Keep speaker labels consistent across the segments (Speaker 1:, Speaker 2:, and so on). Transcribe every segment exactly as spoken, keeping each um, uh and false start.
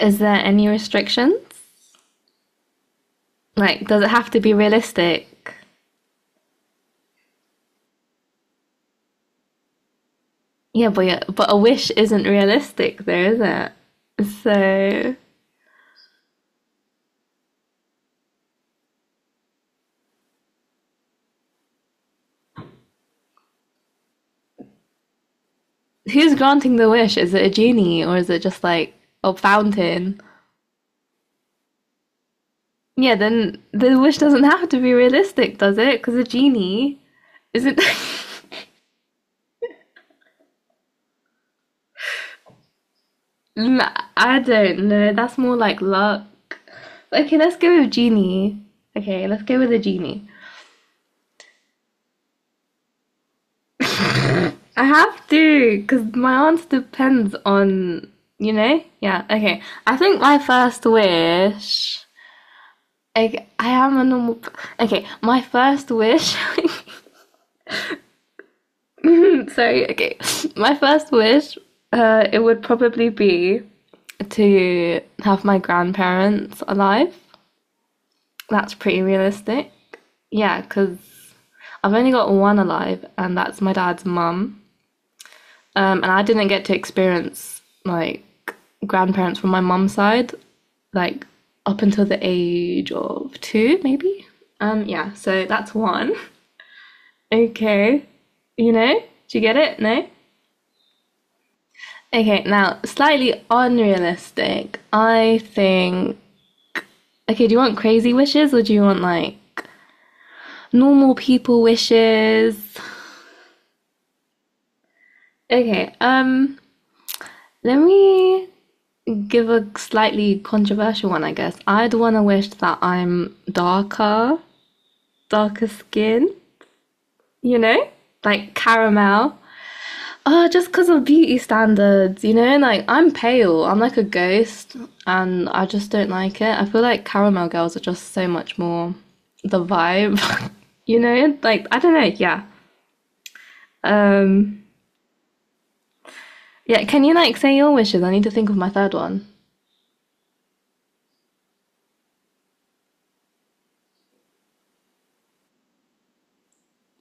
Speaker 1: Is there any restrictions? Like, does it have to be realistic? Yeah, but yeah, but a wish isn't realistic, though, is it? So, who's granting the wish? Is it a genie or is it just like a fountain? Yeah, then the wish doesn't have to be realistic, does it? Because a genie isn't. I I don't know. That's more like luck. Okay, let's go with genie. Okay, let's go with a genie. I have to, because my answer depends on, you know? Yeah, okay. I think my first wish. Okay, I am a normal. P- Okay, my first wish. Sorry, okay. My first wish, uh, it would probably be to have my grandparents alive. That's pretty realistic. Yeah, because I've only got one alive, and that's my dad's mum. Um, and I didn't get to experience like grandparents from my mum's side, like up until the age of two, maybe. Um, yeah, so that's one. Okay, you know, do you get it? No. Okay, now slightly unrealistic. I think. Okay, do you want crazy wishes or do you want like normal people wishes? Okay, um, let me give a slightly controversial one, I guess. I'd want to wish that I'm darker, darker skin, you know, like caramel. Oh, just because of beauty standards, you know, like I'm pale, I'm like a ghost, and I just don't like it. I feel like caramel girls are just so much more the vibe, you know, like I don't know, yeah. Um, yeah, can you like say your wishes? I need to think of my third one.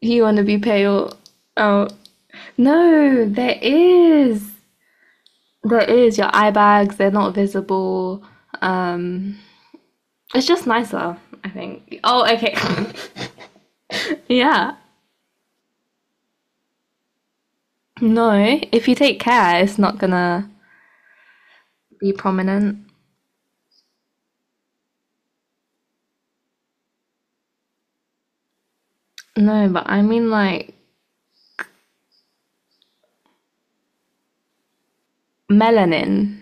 Speaker 1: You want to be pale? Oh, no, there is. There is. Your eye bags, they're not visible. Um, it's just nicer, I think. Oh, okay. Yeah. No, if you take care, it's not gonna be prominent. No, but I mean like melanin.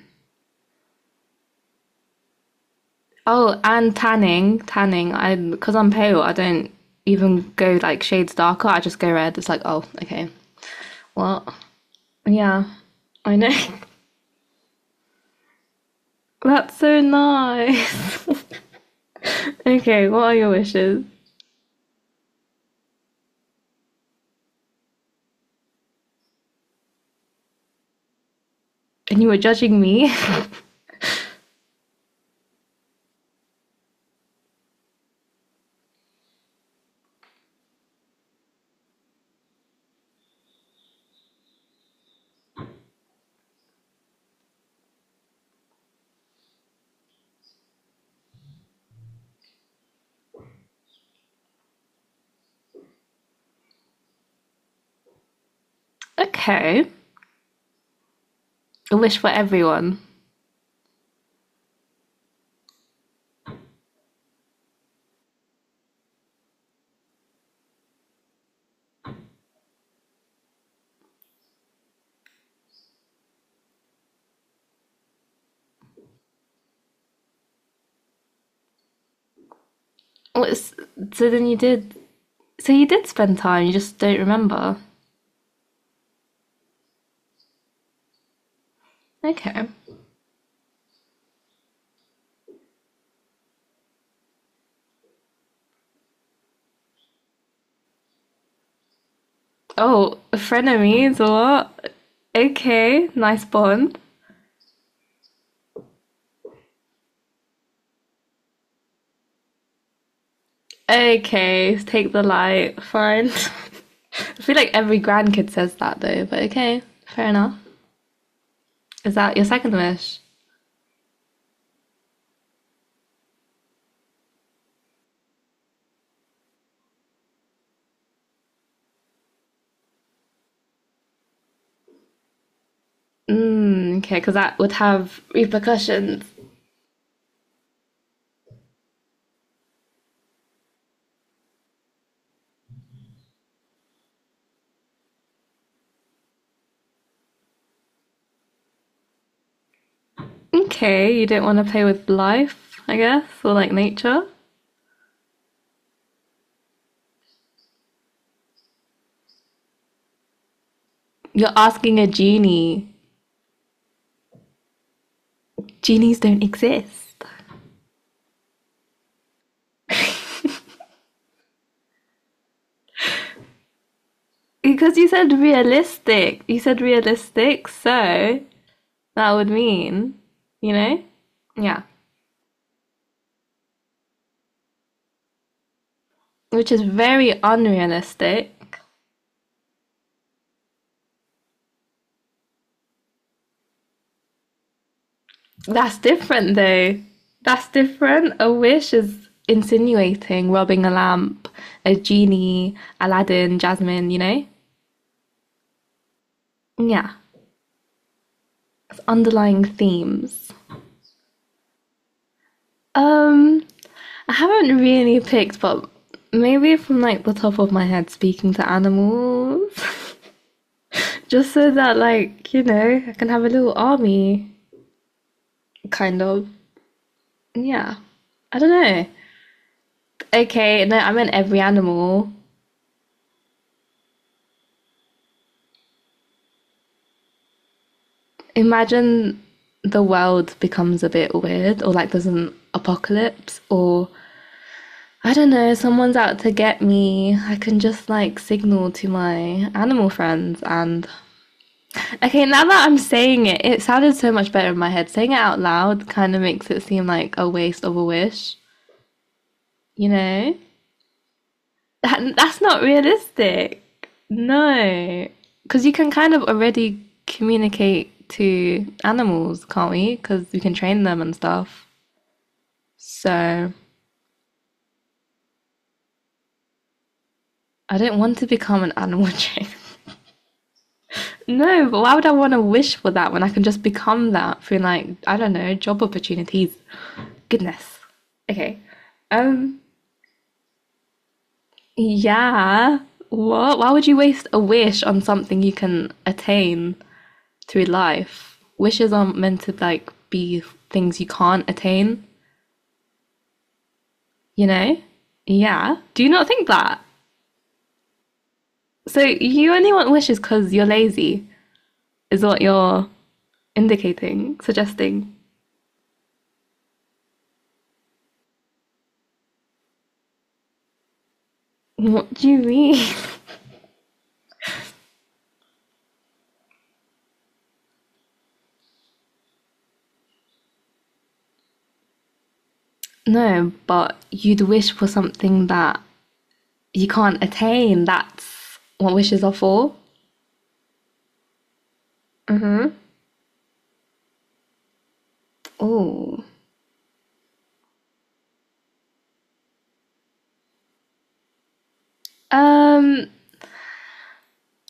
Speaker 1: Oh, and tanning, tanning. I because I'm pale, I don't even go like shades darker. I just go red. It's like, oh, okay. Well, yeah, I know. That's so nice. Okay, what are your wishes? And you were judging me. Okay, a wish for everyone. What's, so then you did. So you did spend time. You just don't remember. Okay. Oh, frenemies. What? Okay, nice bond. Okay, take the light. Fine. I feel like every grandkid says that though, but okay, fair enough. Is that your second wish? Mm, okay, because that would have repercussions. Okay, you don't want to play with life, I guess, or like nature. You're asking a genie. Genies don't exist. Because you said realistic. You said realistic, so that would mean, you know? Yeah. Which is very unrealistic. That's different though. That's different. A wish is insinuating, rubbing a lamp, a genie, Aladdin, Jasmine, you know? Yeah. It's underlying themes. Um I haven't really picked, but maybe from like the top of my head, speaking to animals, just so that like you know I can have a little army, kind of. Yeah, I don't know. Okay, no, I meant every animal. Imagine the world becomes a bit weird, or like there's an apocalypse, or I don't know, someone's out to get me. I can just like signal to my animal friends and okay, now that I'm saying it, it sounded so much better in my head. Saying it out loud kind of makes it seem like a waste of a wish, you know? That, that's not realistic. No. Because you can kind of already communicate to animals, can't we? Because we can train them and stuff. So I don't want to become an animal trainer. No, but why would I want to wish for that when I can just become that through like, I don't know, job opportunities? Goodness. Okay. Um, Yeah. What? Why would you waste a wish on something you can attain through life? Wishes aren't meant to like be things you can't attain, you know? Yeah. Do you not think that? So you only want wishes because you're lazy, is what you're indicating, suggesting. What do you mean? No, but you'd wish for something that you can't attain. That's what wishes are for. Oh. Um,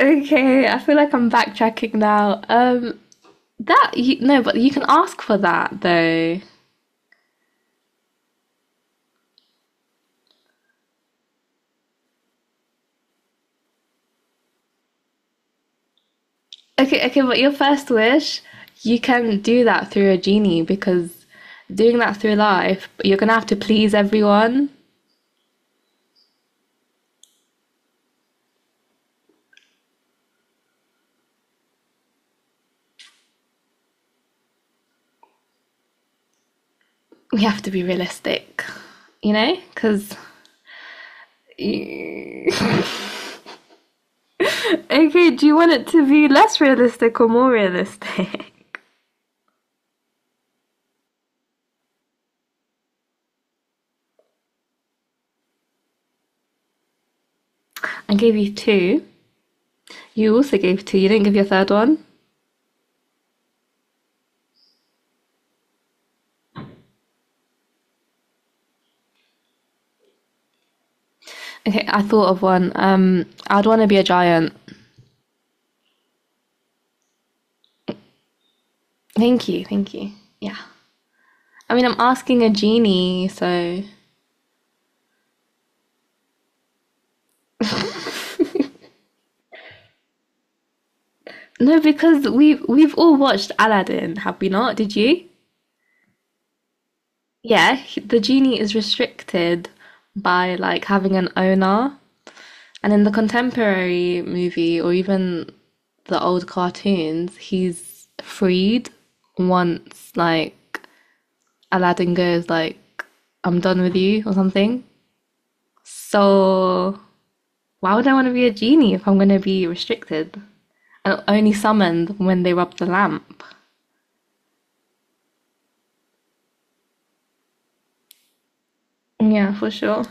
Speaker 1: Okay, I feel like I'm backtracking now. Um, that you no, but you can ask for that though. Okay, okay, but your first wish, you can do that through a genie because doing that through life, you're gonna have to please everyone. We have to be realistic, you know, because. Okay, do you want it to be less realistic or more realistic? I gave you two. You also gave two. You didn't give your third one. Okay, I thought of one. Um, I'd want to be a giant. Thank you, thank you. Yeah. I mean, I'm asking a genie, so no, because we we've all watched Aladdin, have we not? Did you? Yeah, he- the genie is restricted by like having an owner. And in the contemporary movie or even the old cartoons, he's freed once like Aladdin goes like I'm done with you or something. So why would I want to be a genie if I'm going to be restricted and only summoned when they rub the lamp? Yeah, for sure.